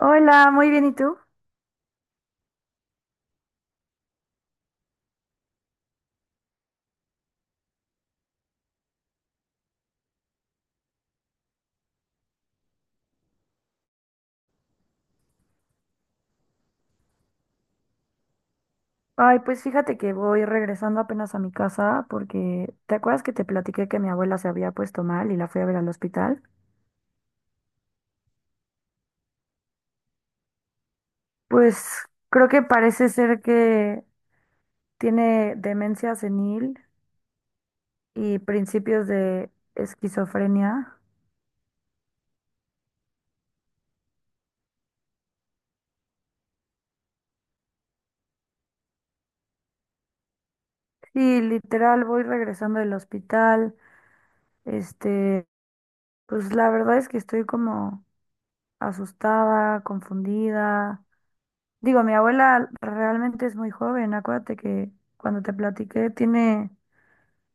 Hola, muy bien, ¿y tú? Ay, pues fíjate que voy regresando apenas a mi casa porque ¿te acuerdas que te platiqué que mi abuela se había puesto mal y la fui a ver al hospital? Pues creo que parece ser que tiene demencia senil y principios de esquizofrenia. Sí, literal, voy regresando del hospital. Este, pues la verdad es que estoy como asustada, confundida. Digo, mi abuela realmente es muy joven. Acuérdate que cuando te platiqué tiene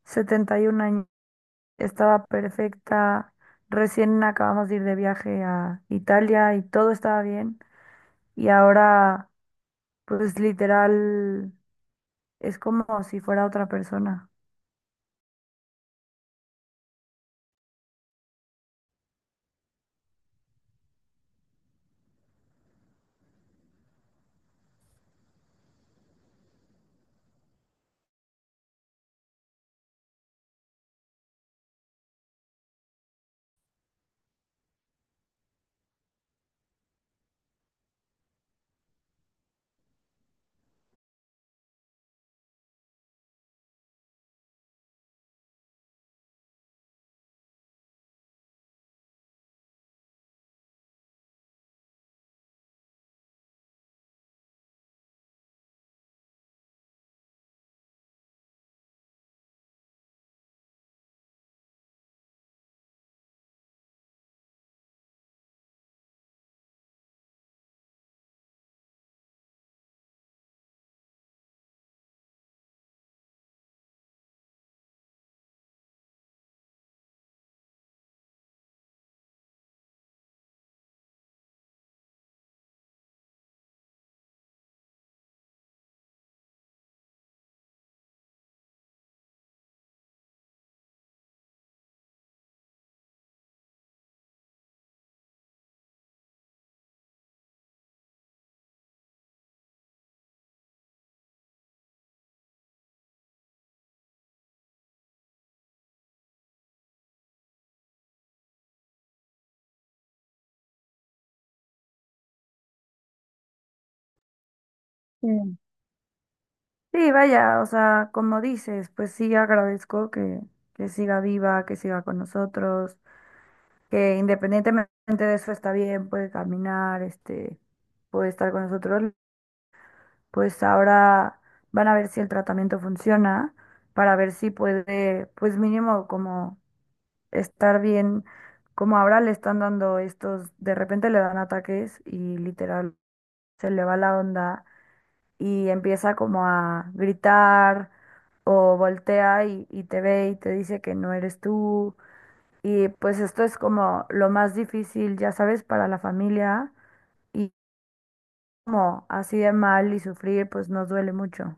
71 años. Estaba perfecta. Recién acabamos de ir de viaje a Italia y todo estaba bien. Y ahora, pues literal, es como si fuera otra persona. Mm. Sí, vaya, o sea, como dices, pues sí agradezco que siga viva, que siga con nosotros, que independientemente de eso está bien, puede caminar, puede estar con nosotros, pues ahora van a ver si el tratamiento funciona, para ver si puede, pues mínimo como estar bien, como ahora le están dando estos, de repente le dan ataques y literal se le va la onda y empieza como a gritar o voltea y te ve y te dice que no eres tú y pues esto es como lo más difícil, ya sabes, para la familia. Y como así de mal y sufrir, pues nos duele mucho.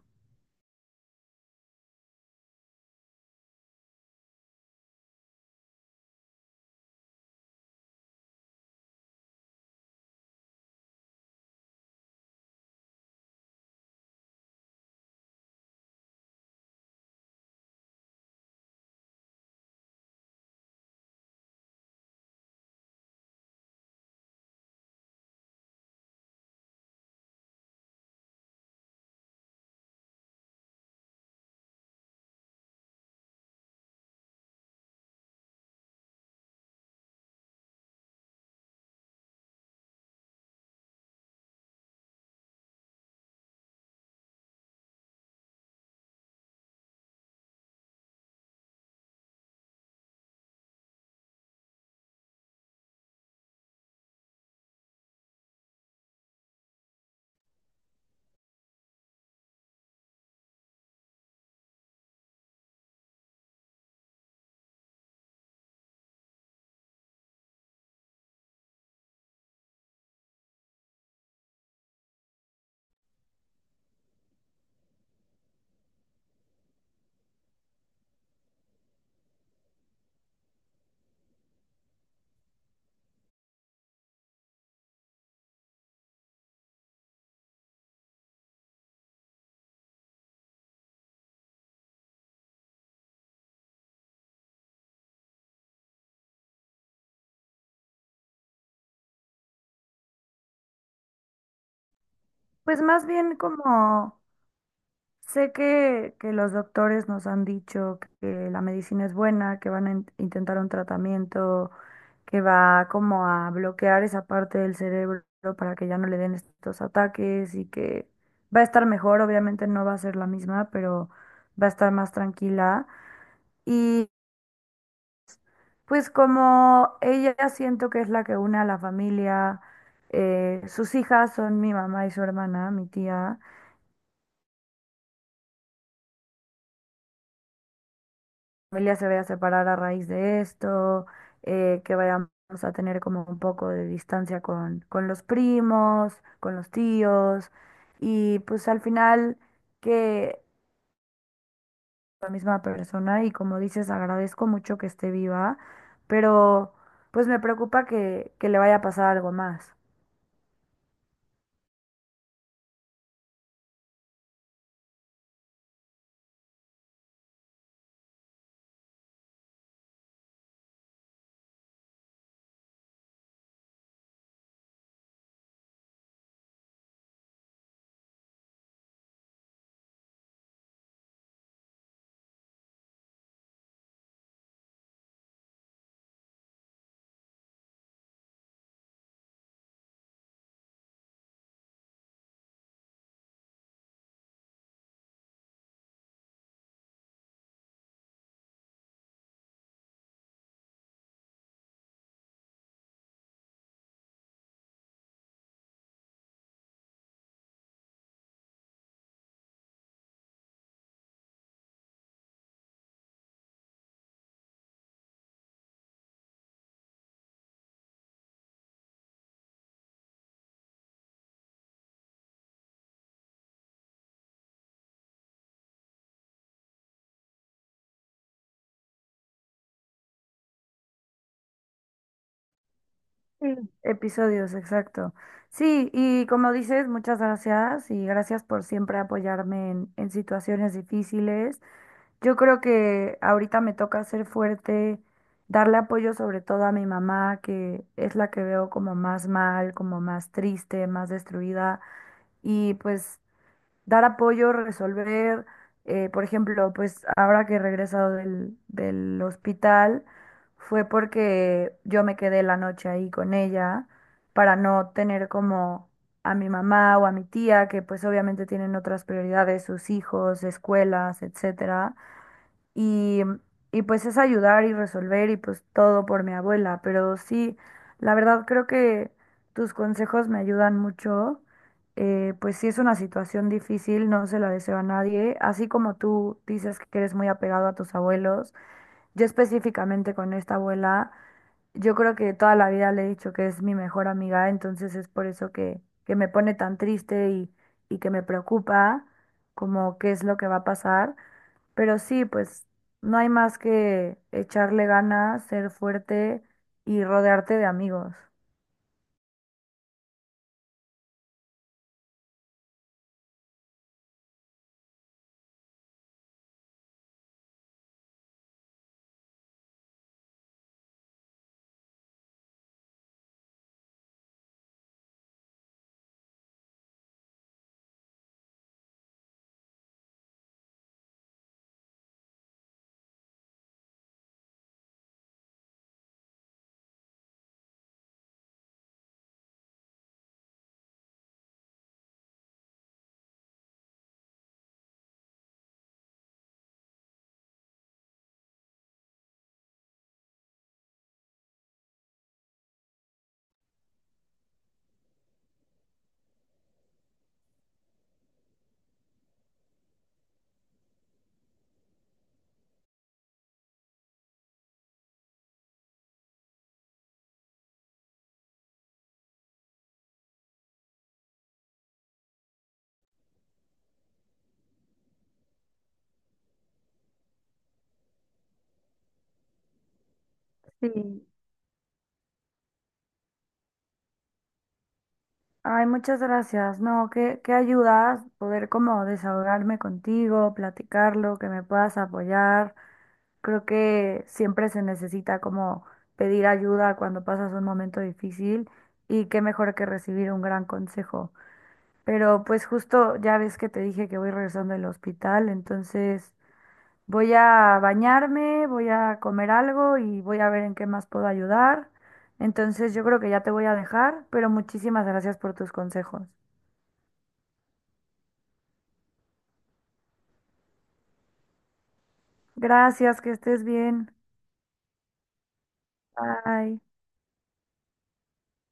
Pues más bien como sé que los doctores nos han dicho que la medicina es buena, que van a intentar un tratamiento que va como a bloquear esa parte del cerebro para que ya no le den estos ataques y que va a estar mejor. Obviamente no va a ser la misma, pero va a estar más tranquila. Pues como ella siento que es la que une a la familia, sus hijas son mi mamá y su hermana, mi tía. La familia se vaya a separar a raíz de esto, que vayamos a tener como un poco de distancia con los primos, con los tíos, y pues al final que la misma persona, y como dices, agradezco mucho que esté viva, pero pues me preocupa que le vaya a pasar algo más. Sí, episodios, exacto. Sí, y como dices, muchas gracias y gracias por siempre apoyarme en situaciones difíciles. Yo creo que ahorita me toca ser fuerte, darle apoyo sobre todo a mi mamá, que es la que veo como más mal, como más triste, más destruida. Y pues dar apoyo, resolver, por ejemplo, pues ahora que he regresado del hospital, fue porque yo me quedé la noche ahí con ella para no tener como a mi mamá o a mi tía, que pues obviamente tienen otras prioridades, sus hijos, escuelas, etcétera y, y pues es ayudar y resolver y pues todo por mi abuela, pero sí, la verdad creo que tus consejos me ayudan mucho, pues sí es una situación difícil, no se la deseo a nadie, así como tú dices que eres muy apegado a tus abuelos, yo específicamente con esta abuela, yo creo que toda la vida le he dicho que es mi mejor amiga, entonces es por eso que me pone tan triste y que me preocupa como qué es lo que va a pasar. Pero sí, pues no hay más que echarle ganas, ser fuerte y rodearte de amigos. Sí. Ay, muchas gracias. No, qué, qué ayudas poder como desahogarme contigo, platicarlo, que me puedas apoyar. Creo que siempre se necesita como pedir ayuda cuando pasas un momento difícil y qué mejor que recibir un gran consejo. Pero pues justo ya ves que te dije que voy regresando del hospital, entonces voy a bañarme, voy a comer algo y voy a ver en qué más puedo ayudar. Entonces yo creo que ya te voy a dejar, pero muchísimas gracias por tus consejos. Gracias, que estés bien. Bye.